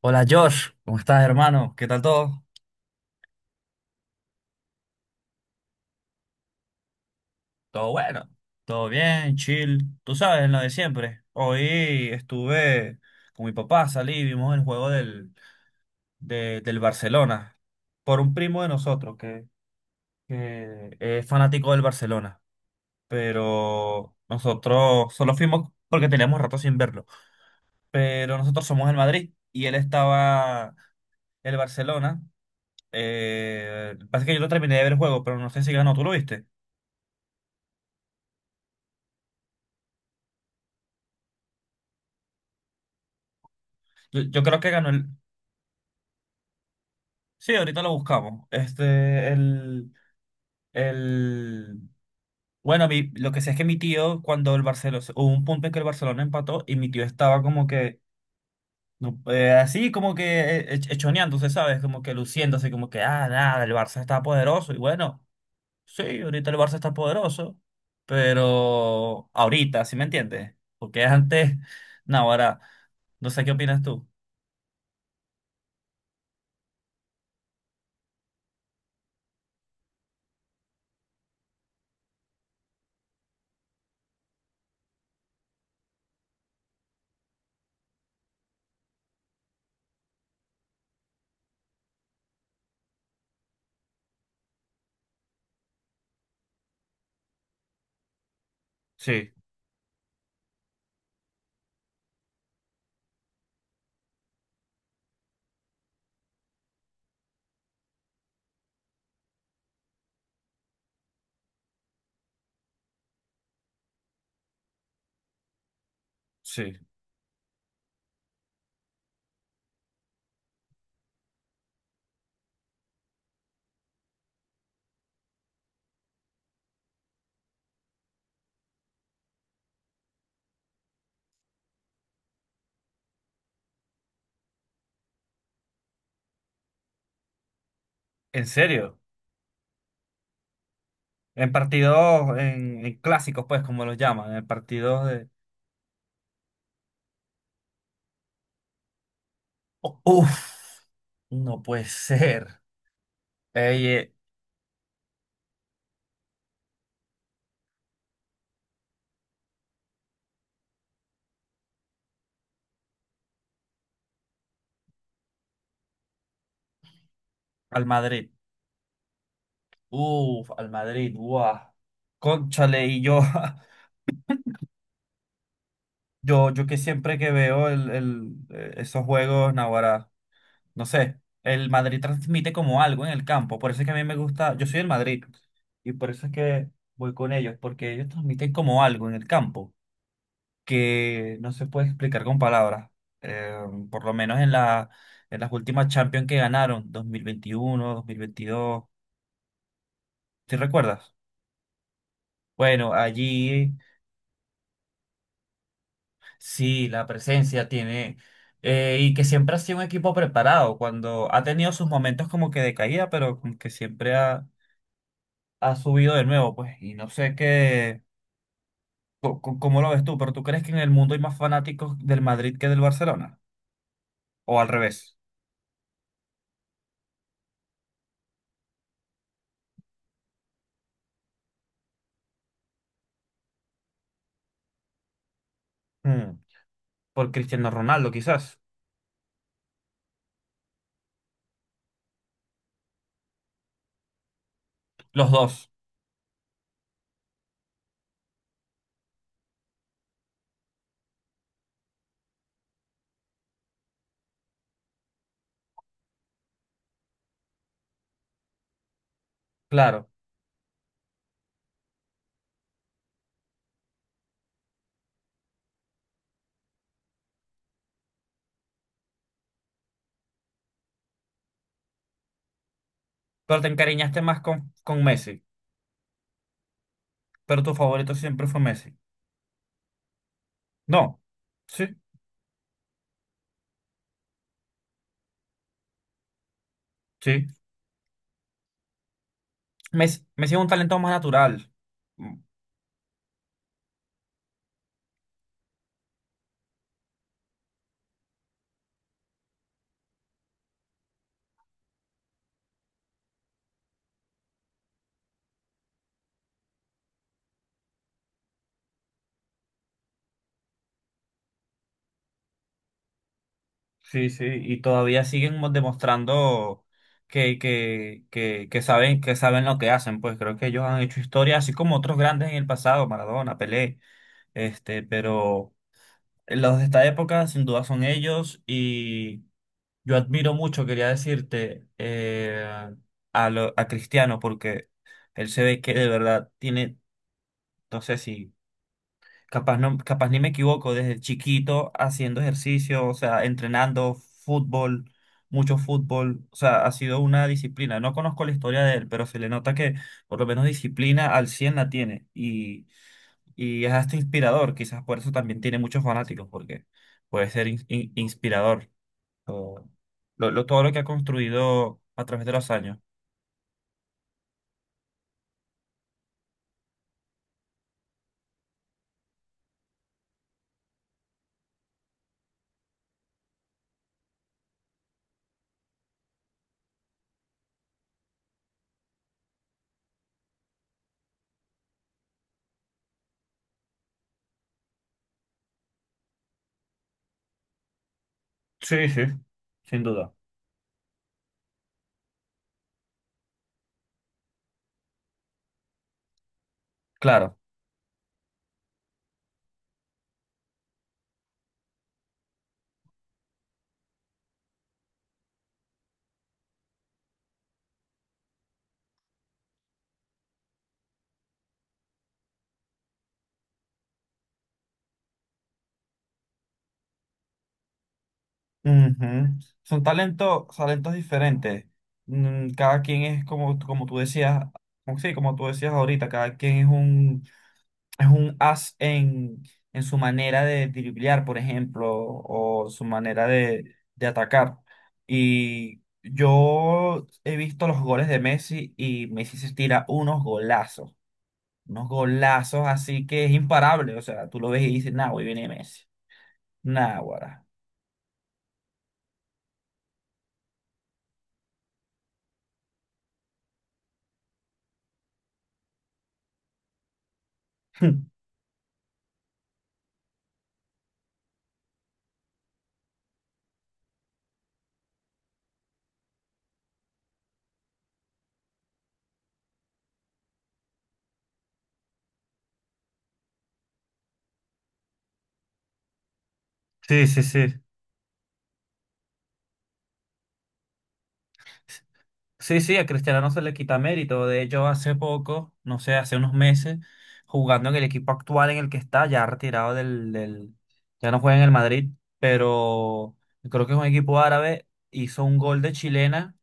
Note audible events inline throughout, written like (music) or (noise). Hola Josh, ¿cómo estás hermano? ¿Qué tal todo? Todo bueno, todo bien, chill. Tú sabes, lo de siempre. Hoy estuve con mi papá, salí, y vimos el juego del Barcelona por un primo de nosotros que es fanático del Barcelona. Pero nosotros solo fuimos porque teníamos rato sin verlo. Pero nosotros somos el Madrid y él estaba el Barcelona. Pasa que yo no terminé de ver el juego, pero no sé si ganó, ¿tú lo viste? Yo creo que ganó el. Sí, ahorita lo buscamos. Este, el, el. Bueno, lo que sé es que mi tío, cuando el Barcelona, hubo un punto en que el Barcelona empató y mi tío estaba como que, no, así como que echoneándose, ¿sabes? Como que luciéndose, como que, ah, nada, el Barça está poderoso. Y bueno, sí, ahorita el Barça está poderoso, pero ahorita, ¿sí me entiendes? Porque antes, (laughs) no, ahora, no sé qué opinas tú. Sí, sí. ¿En serio? En partidos, en clásicos, pues, como los llaman, en partidos de... Oh, uf, no puede ser. Ey, al Madrid. Uf, al Madrid, guau. Cónchale, y yo, (laughs) yo que siempre que veo el, esos juegos, naguará, no sé, el Madrid transmite como algo en el campo, por eso es que a mí me gusta, yo soy el Madrid, y por eso es que voy con ellos, porque ellos transmiten como algo en el campo, que no se puede explicar con palabras. Eh, por lo menos en las últimas Champions que ganaron, 2021, 2022, ¿sí recuerdas? Bueno, allí sí, la presencia tiene, y que siempre ha sido un equipo preparado, cuando ha tenido sus momentos como que de caída, pero como que siempre ha subido de nuevo, pues, y no sé qué, cómo lo ves tú, pero ¿tú crees que en el mundo hay más fanáticos del Madrid que del Barcelona? ¿O al revés? Mm, Por Cristiano Ronaldo, quizás. Los dos, claro. Pero te encariñaste más con Messi. Pero tu favorito siempre fue Messi. No. Sí, sí. Messi, Messi es un talento más natural. Mm, sí, sí. Y todavía siguen demostrando que saben lo que hacen. Pues creo que ellos han hecho historia, así como otros grandes en el pasado, Maradona, Pelé. Este, pero los de esta época, sin duda, son ellos. Y yo admiro mucho, quería decirte, a Cristiano, porque él se ve que de verdad tiene, no sé si, capaz, no, capaz ni me equivoco, desde chiquito haciendo ejercicio, o sea, entrenando fútbol, mucho fútbol, o sea, ha sido una disciplina. No conozco la historia de él, pero se le nota que por lo menos disciplina al 100 la tiene y es hasta inspirador, quizás por eso también tiene muchos fanáticos, porque puede ser inspirador o todo lo que ha construido a través de los años. Sí, sí, sin duda. Claro. Ujú. Son talentos, talentos diferentes. Cada quien es como tú decías, como, sí, como tú decías ahorita, cada quien es un as en su manera de driblear, por ejemplo, o su manera de atacar. Y yo he visto los goles de Messi y Messi se tira unos golazos. Unos golazos así que es imparable. O sea, tú lo ves y dices, nah, hoy viene Messi. Nah, guará. (laughs) Sí, sí, sí. Sí, sí, a Cristiano no se le quita mérito. De hecho, hace poco, no sé, hace unos meses, jugando en el equipo actual en el que está, ya retirado ya no juega en el Madrid, pero creo que es un equipo árabe, hizo un gol de chilena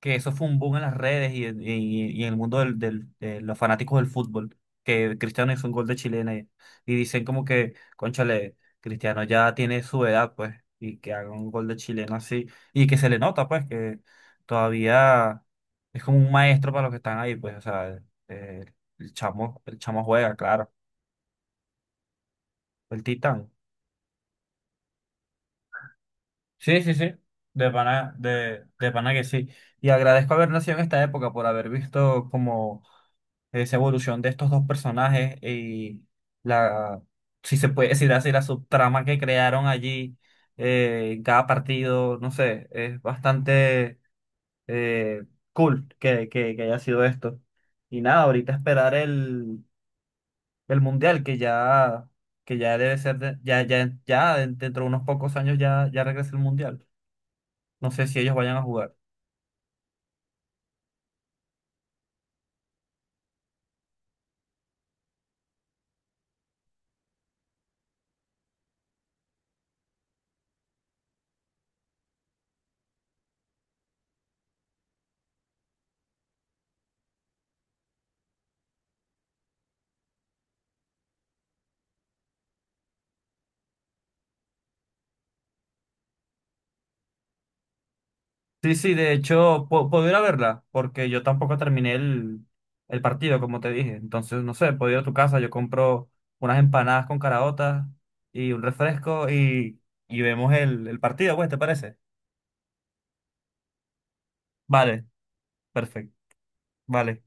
que eso fue un boom en las redes y en el mundo de los fanáticos del fútbol, que Cristiano hizo un gol de chilena y dicen como que, cónchale, Cristiano ya tiene su edad, pues, y que haga un gol de chilena así, y que se le nota, pues, que todavía es como un maestro para los que están ahí, pues, o sea, eh, el chamo juega, claro, el titán. Sí, sí, sí. De pana, de pana que sí. Y agradezco haber nacido en esta época por haber visto como esa evolución de estos dos personajes y la, si se puede decir así, la subtrama que crearon allí en cada partido, no sé, es bastante eh, cool que haya sido esto. Y nada, ahorita esperar el mundial que ya debe ser, ya dentro de unos pocos años ya regresa el mundial. No sé si ellos vayan a jugar. Sí, sí, de hecho, puedo ir a verla, porque yo tampoco terminé el partido, como te dije. Entonces, no sé, puedo ir a tu casa, yo compro unas empanadas con caraotas y un refresco y vemos el partido, pues, ¿te parece? Vale, perfecto, vale.